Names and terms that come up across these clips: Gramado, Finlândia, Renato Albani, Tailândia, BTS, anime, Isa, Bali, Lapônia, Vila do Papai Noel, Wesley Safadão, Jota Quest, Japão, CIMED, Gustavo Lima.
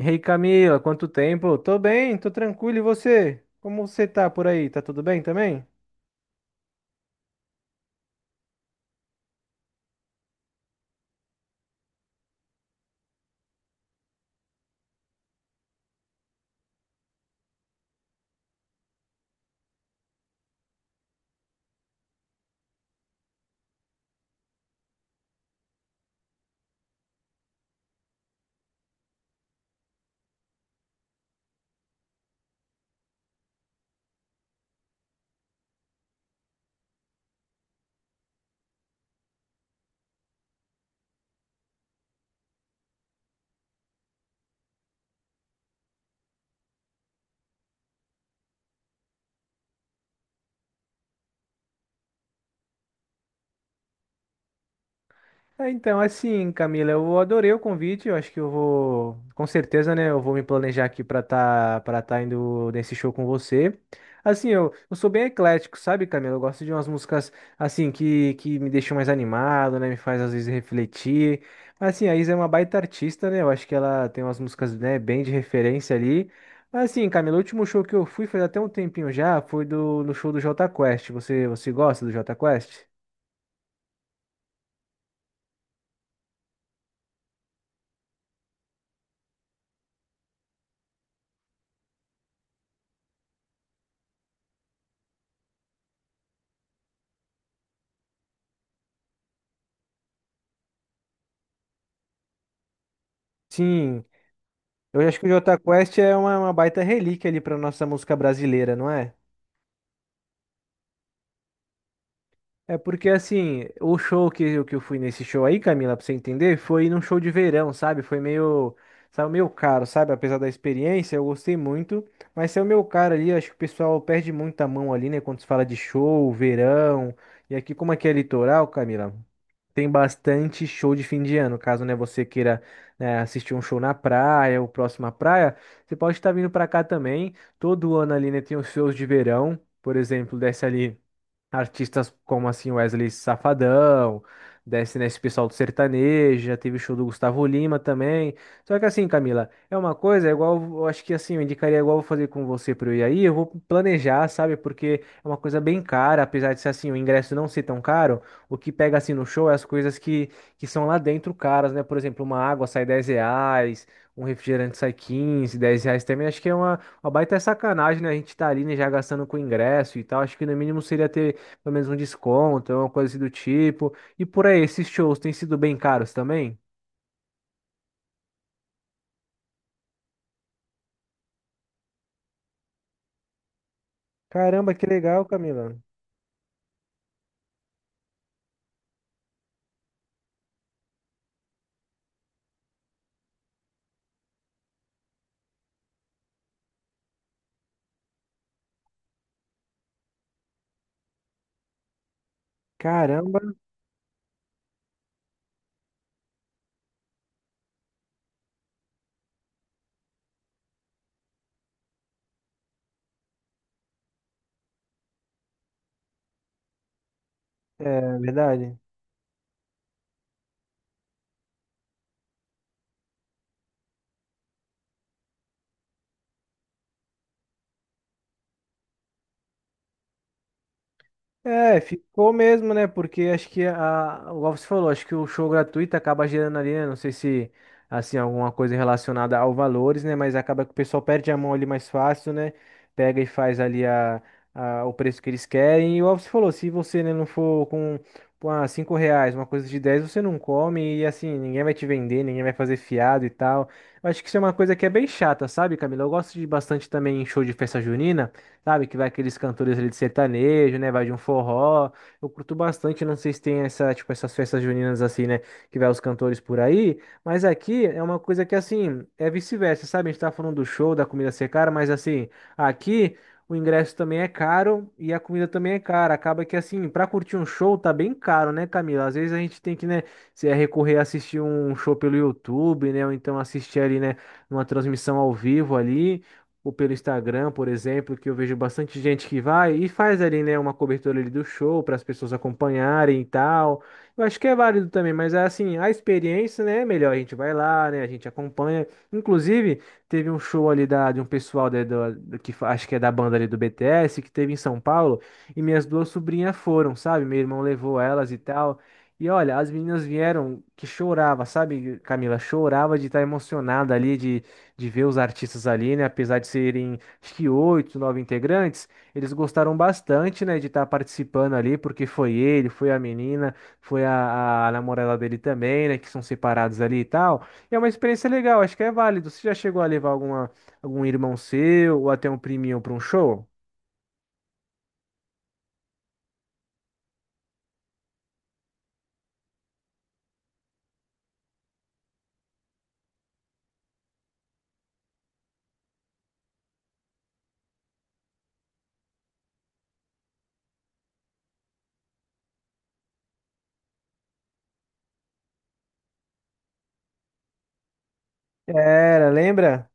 E aí, Camila, quanto tempo? Tô bem, tô tranquilo. E você? Como você tá por aí? Tá tudo bem também? É, então, assim, Camila, eu adorei o convite. Eu acho que eu vou, com certeza, né? Eu vou me planejar aqui para tá indo nesse show com você. Assim, eu sou bem eclético, sabe, Camila? Eu gosto de umas músicas, assim, que me deixam mais animado, né? Me faz, às vezes, refletir. Mas, assim, a Isa é uma baita artista, né? Eu acho que ela tem umas músicas, né, bem de referência ali. Mas, assim, Camila, o último show que eu fui faz até um tempinho já, foi do, no show do Jota Quest. Você gosta do Jota Quest? Sim. Eu acho que o Jota Quest é uma baita relíquia ali pra nossa música brasileira, não é? É porque, assim, o show que, que eu fui nesse show aí, Camila, pra você entender, foi num show de verão, sabe? Foi meio, sabe, meio caro, sabe? Apesar da experiência, eu gostei muito, mas é o meu caro ali, acho que o pessoal perde muita mão ali, né? Quando se fala de show, verão, e aqui como aqui é litoral, Camila? Tem bastante show de fim de ano. Caso, né, você queira, né, assistir um show na praia ou próximo à praia, você pode estar vindo para cá também. Todo ano ali, né, tem os shows de verão. Por exemplo, desce ali artistas como assim Wesley Safadão, desce nesse pessoal do sertanejo, já teve o show do Gustavo Lima também. Só que assim, Camila, é uma coisa, é igual, eu acho que assim, eu indicaria igual eu vou fazer com você para eu ir aí, eu vou planejar, sabe? Porque é uma coisa bem cara, apesar de ser assim, o ingresso não ser tão caro, o que pega assim no show é as coisas que são lá dentro caras, né? Por exemplo, uma água sai 10 reais, um refrigerante sai 15, 10 reais também, acho que é uma baita sacanagem, né? A gente tá ali, né, já gastando com ingresso e tal, acho que no mínimo seria ter pelo menos um desconto, uma coisa assim do tipo. E por aí, esses shows têm sido bem caros também? Caramba, que legal, Camila. Caramba, é verdade. É, ficou mesmo, né? Porque acho que a, igual você falou, acho que o show gratuito acaba gerando ali, né? Não sei se assim alguma coisa relacionada ao valores, né? Mas acaba que o pessoal perde a mão ali mais fácil, né? Pega e faz ali a, o preço que eles querem. E igual você falou, se você, né, não for com cinco reais, uma coisa de 10, você não come e assim ninguém vai te vender, ninguém vai fazer fiado e tal. Eu acho que isso é uma coisa que é bem chata, sabe, Camila? Eu gosto de bastante também em show de festa junina sabe? Que vai aqueles cantores ali de sertanejo, né? Vai de um forró. Eu curto bastante, não sei se tem essa, tipo, essas festas juninas assim, né? Que vai os cantores por aí. Mas aqui é uma coisa que, assim, é vice-versa, sabe? A gente tá falando do show, da comida ser cara, mas assim, aqui. O ingresso também é caro e a comida também é cara. Acaba que, assim, pra curtir um show tá bem caro, né, Camila? Às vezes a gente tem que, né, se é recorrer a assistir um show pelo YouTube, né, ou então assistir ali, né, uma transmissão ao vivo ali ou pelo Instagram, por exemplo, que eu vejo bastante gente que vai e faz ali, né, uma cobertura ali do show para as pessoas acompanharem e tal. Eu acho que é válido também, mas é assim, a experiência, né, é melhor a gente vai lá, né, a gente acompanha. Inclusive, teve um show ali da, de um pessoal da, que acho que é da banda ali do BTS, que teve em São Paulo, e minhas duas sobrinhas foram, sabe? Meu irmão levou elas e tal. E olha, as meninas vieram que chorava, sabe, Camila? Chorava de estar emocionada ali, de ver os artistas ali, né? Apesar de serem, acho que oito, nove integrantes, eles gostaram bastante, né, de estar participando ali, porque foi ele, foi a menina, foi a namorada dele também, né, que são separados ali e tal. E é uma experiência legal, acho que é válido. Você já chegou a levar alguma, algum irmão seu ou até um priminho para um show? Era, lembra?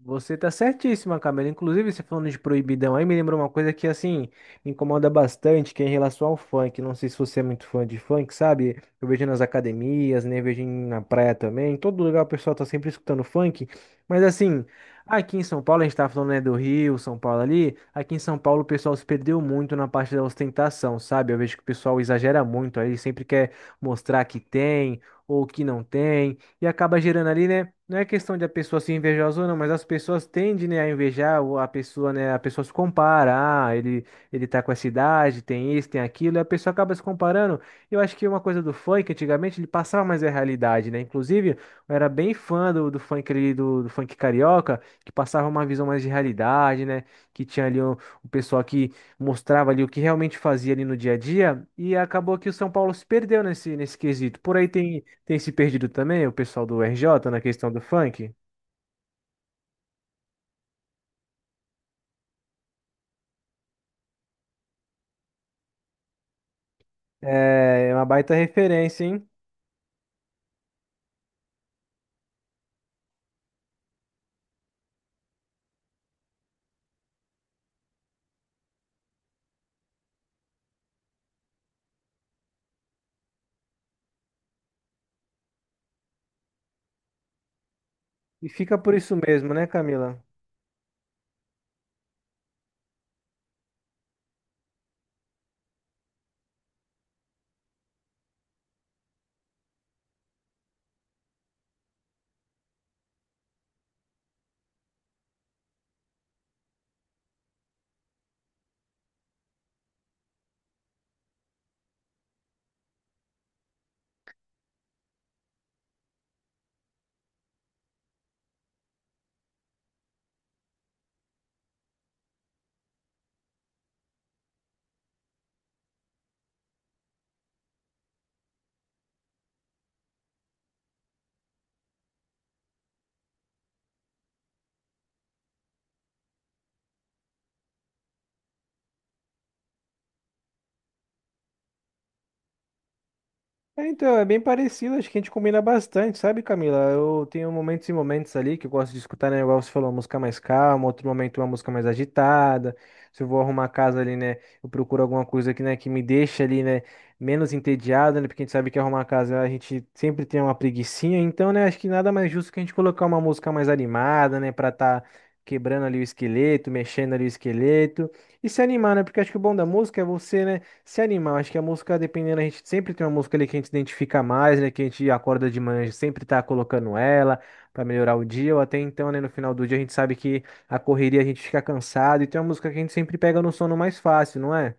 Você tá certíssima, Camila. Inclusive, você falando de proibidão aí, me lembrou uma coisa que, assim, me incomoda bastante, que é em relação ao funk. Não sei se você é muito fã de funk, sabe? Eu vejo nas academias, né? Eu vejo na praia também. Em todo lugar o pessoal tá sempre escutando funk. Mas, assim, aqui em São Paulo, a gente tá falando, né, do Rio, São Paulo ali. Aqui em São Paulo o pessoal se perdeu muito na parte da ostentação, sabe? Eu vejo que o pessoal exagera muito aí, sempre quer mostrar que tem ou que não tem. E acaba gerando ali, né? Não é questão de a pessoa ser invejosa ou não, mas as pessoas tendem, né, a invejar a pessoa, né? A pessoa se compara, ah, ele tá com essa idade, tem isso, tem aquilo, e a pessoa acaba se comparando. Eu acho que uma coisa do funk, antigamente, ele passava mais a realidade, né? Inclusive, eu era bem fã do, do funk ali, do, do funk carioca, que passava uma visão mais de realidade, né? Que tinha ali o pessoal que mostrava ali o que realmente fazia ali no dia a dia, e acabou que o São Paulo se perdeu nesse, nesse quesito. Por aí tem. Tem se perdido também o pessoal do RJ na questão do funk. É é, uma baita referência, hein? E fica por isso mesmo, né, Camila? É, então, é bem parecido, acho que a gente combina bastante, sabe, Camila? Eu tenho momentos e momentos ali que eu gosto de escutar, né? Igual você falou, uma música mais calma, outro momento uma música mais agitada. Se eu vou arrumar a casa ali, né? Eu procuro alguma coisa que, né, que me deixa ali, né, menos entediado, né? Porque a gente sabe que arrumar a casa a gente sempre tem uma preguicinha, então, né, acho que nada mais justo que a gente colocar uma música mais animada, né, pra tá quebrando ali o esqueleto, mexendo ali o esqueleto e se animar, né? Porque acho que o bom da música é você, né? Se animar, acho que a música, dependendo, a gente sempre tem uma música ali que a gente identifica mais, né? Que a gente acorda de manhã, a gente sempre tá colocando ela pra melhorar o dia, ou até então, né, no final do dia a gente sabe que a correria a gente fica cansado, e tem uma música que a gente sempre pega no sono mais fácil, não é?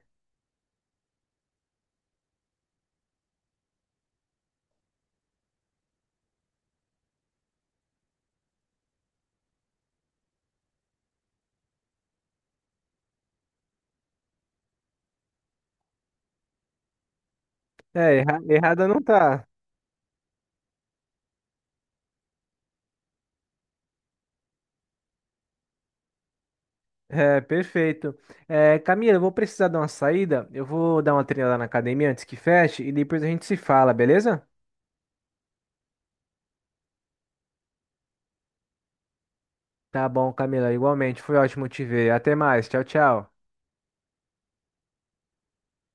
É, errada não tá. É, perfeito. É, Camila, eu vou precisar dar uma saída, eu vou dar uma treinada na academia antes que feche, e depois a gente se fala, beleza? Tá bom, Camila, igualmente, foi ótimo te ver. Até mais, tchau, tchau.